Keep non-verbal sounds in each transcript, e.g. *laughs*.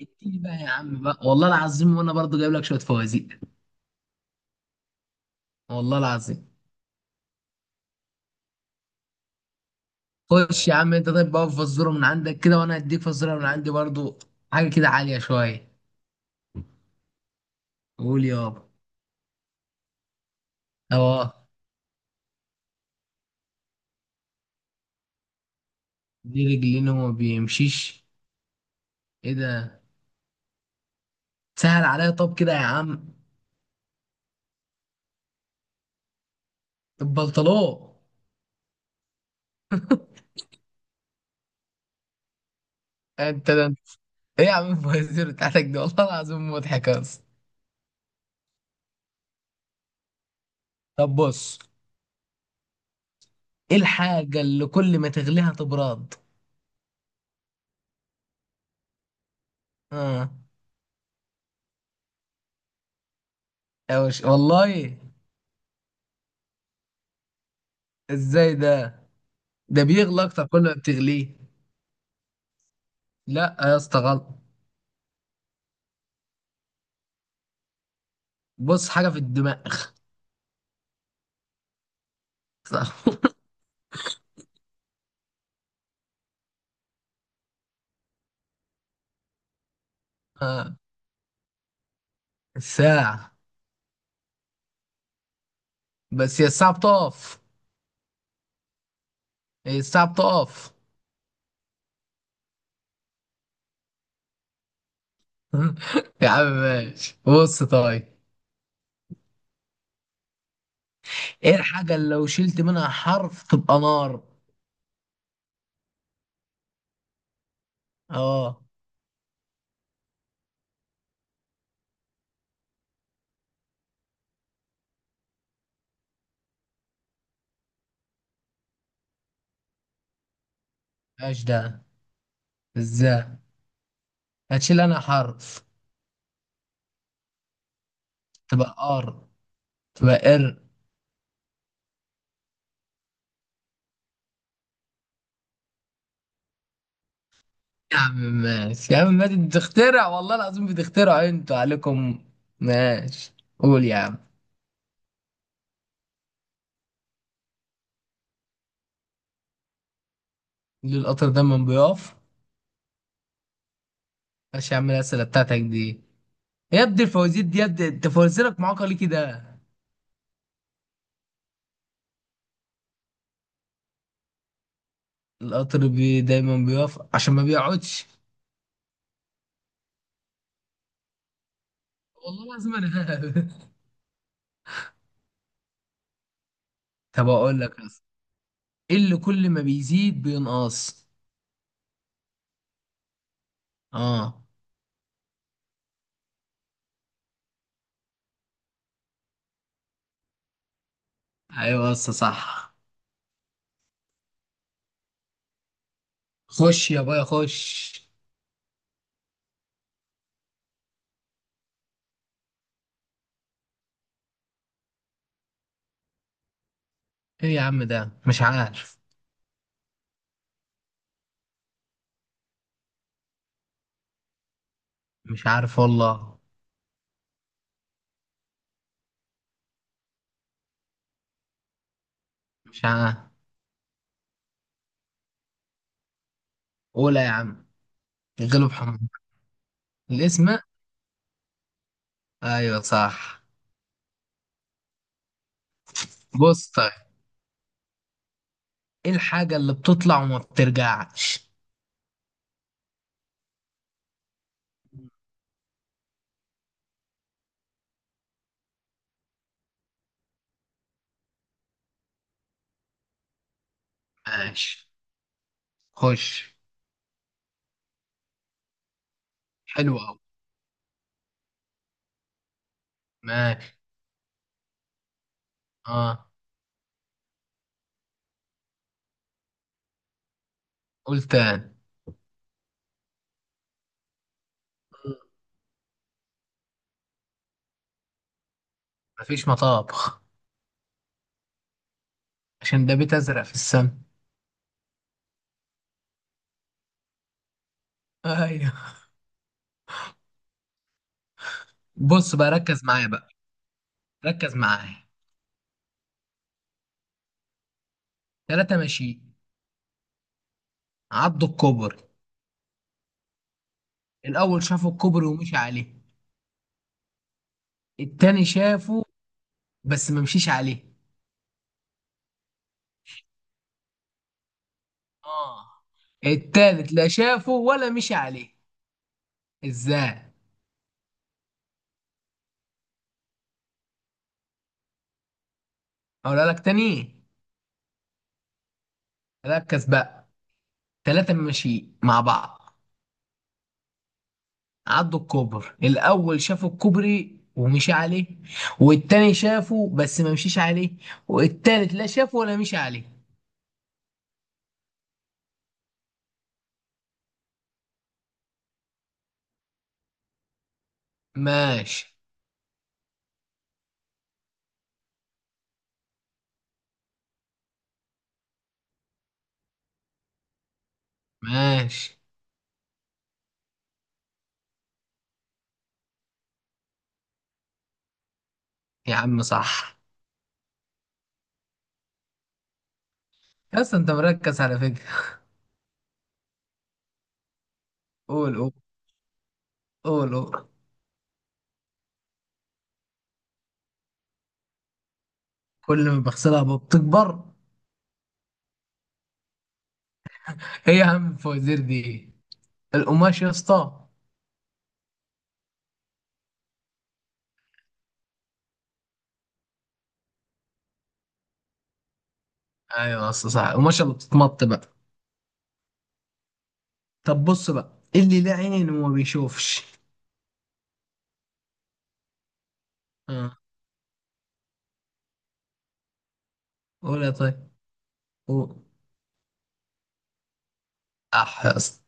اديني بقى يا عم بقى، والله العظيم وانا برضو جايب لك شويه فوازير. والله العظيم. خش يا عم انت، طيب بقى فزوره من عندك كده وانا هديك فزوره من عندي برضو. حاجه كده عاليه شويه. قول يابا. اه. دي رجلين وما بيمشيش؟ ايه ده؟ سهل عليا طب كده يا عم. البلطلو. انت ده انت- ايه يا عم الفوازير بتاعتك دي، والله العظيم مضحك اصلا. طب بص. ايه الحاجه اللي كل ما تغليها تبرد؟ اه. يا وش والله. ازاي ده؟ ده بيغلى اكتر كل ما بتغليه. لا يا اسطى غلط. بص، حاجه في الدماغ. *laughs* الساعه. بس هي الساعه بتقف. هي الساعه بتقف. *laughs* يا عم ماشي، بص طيب. ايه الحاجه اللي لو شلت منها حرف تبقى نار؟ اه. ايش ده؟ ازاي؟ هتشيل انا حرف تبقى قار؟ تبقى قر؟ يا عم ماشي، يا عم ماشي، انت بتخترع والله العظيم، بتخترع انتوا عليكم. ماشي. قول يا عم. ليه القطر دايما بيقف؟ ماشي يا عم الأسئلة بتاعتك دي. يا ابني الفوازير دي، يا ابني أنت فوازيرك معاقة ليه كده؟ القطر بي دايما بيقف عشان ما بيقعدش. والله لازم أنا. *laughs* طب أقول لك أصلا. إيه اللي كل ما بيزيد بينقص؟ أه. أيوه بس صح. خش يا بايا خش. إيه يا عم ده؟ مش عارف. مش عارف والله. مش عارف. قولها يا عم. غلب حمار. الاسم. أيوه صح. بص طيب. إيه الحاجة اللي بتطلع وما بترجعش؟ ماشي. خش. حلو أوي. ماشي. اه. قول تاني. مفيش مطابخ. *laughs* عشان ده بيت أزرق في السما. ايوه. بص بقى ركز معايا بقى. ركز معايا. ثلاثة ماشي. عضوا الكوبري. الأول شافوا الكوبري ومشي عليه. التاني شافه بس ما مشيش عليه. اه. التالت لا شافه ولا مشي عليه. ازاي؟ أقولها لك تاني. ركز بقى. 3 ماشي مع بعض. عدوا الكوبر، الاول شافوا الكوبري ومشي عليه، والتاني شافه بس ما مشيش عليه، والتالت لا شافه ولا مشي عليه. ماشي. ماشي يا عم صح. يا اسطى انت مركز على فكرة. قول قول. قول قول. كل ما بغسلها بتكبر. ايه يا عم الفوازير دي ايه. القماش يا اسطى. ايوه يا اسطى صح، القماش اللي بتتمط بقى. طب بص بقى، إيه اللي لا عين وما بيشوفش؟ اه. قول يا طيب. قول. اح يا اسطى.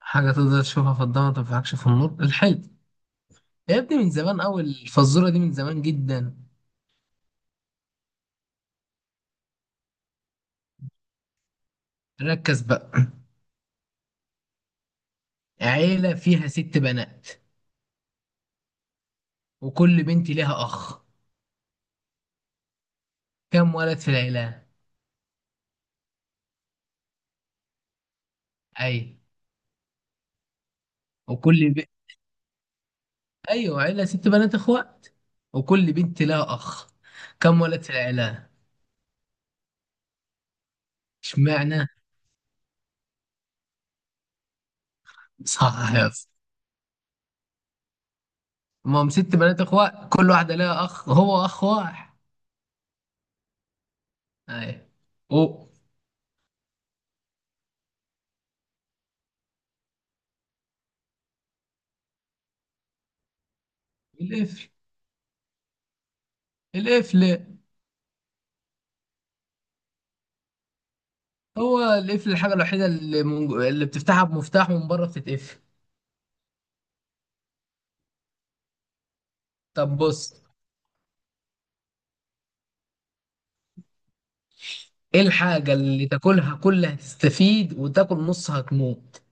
حاجة تقدر تشوفها في الضلمة ما تنفعكش في النور، الحلم. يا ابني من زمان أوي الفزورة دي، من زمان جدا. ركز بقى. عيلة فيها 6 بنات، وكل بنت ليها أخ، كم ولد في العيلة؟ أي. وكل ب... أيوة، عيلة 6 بنات إخوات، وكل بنت لها أخ، كم ولد في العيلة؟ اشمعنى؟ صح يا اسطى. ما هم 6 بنات إخوات، كل واحدة لها أخ، هو أخ 1. أي. و. القفل. القفل. هو القفل الحاجة الوحيدة اللي بتفتحها بمفتاح ومن بره بتتقفل. طب بص. ايه الحاجة اللي تاكلها كلها هتستفيد وتاكل نصها هتموت؟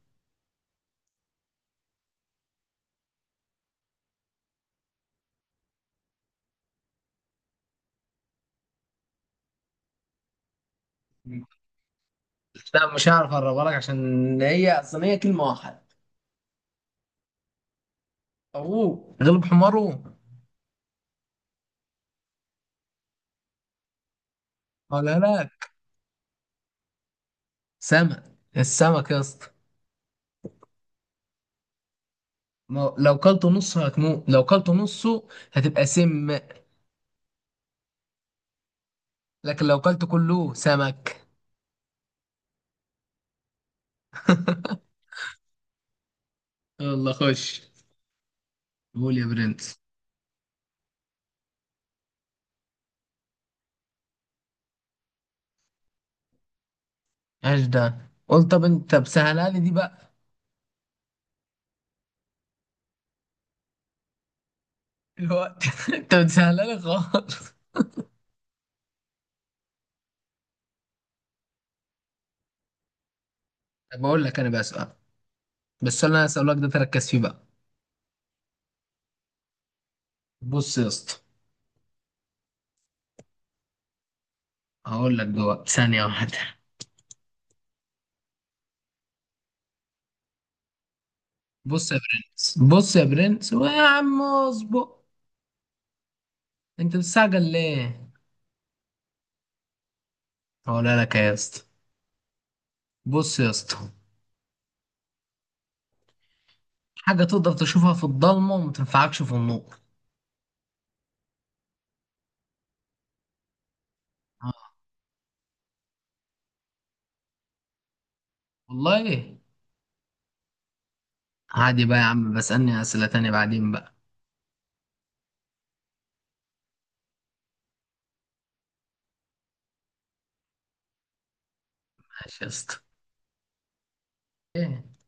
لا مش هعرف اقربها لك عشان هي اصلا هي كلمة واحدة. اخوه غلب حماره. ولا لا. سمك. السمك يا اسطى. ما هو لو كلته نصه هتموت، لو كلته نصه هتبقى سم. لكن لو كلت كله سمك. يلا خش. قول يا برنس. ايش ده؟ قول، طب انت بسهلها لي دي بقى. الوقت. *laughs* انت بتسهلها لي *laughs* خالص. طب بقول لك انا بقى سؤال. بس السؤال اللي انا هسألك ده تركز فيه بقى. بص يا اسطى. هقول لك دلوقتي، ثانية 1. بص يا برنس، بص يا برنس ويا عم اصبر. انت بتستعجل ليه؟ هقولها لك يا اسطى. بص يا اسطى. حاجة تقدر تشوفها في الضلمة وما تنفعكش في النور. آه، والله. عادي بقى يا عم، بسألني أسئلة تانية بعدين بقى. ماشي يا اسطى. ايه.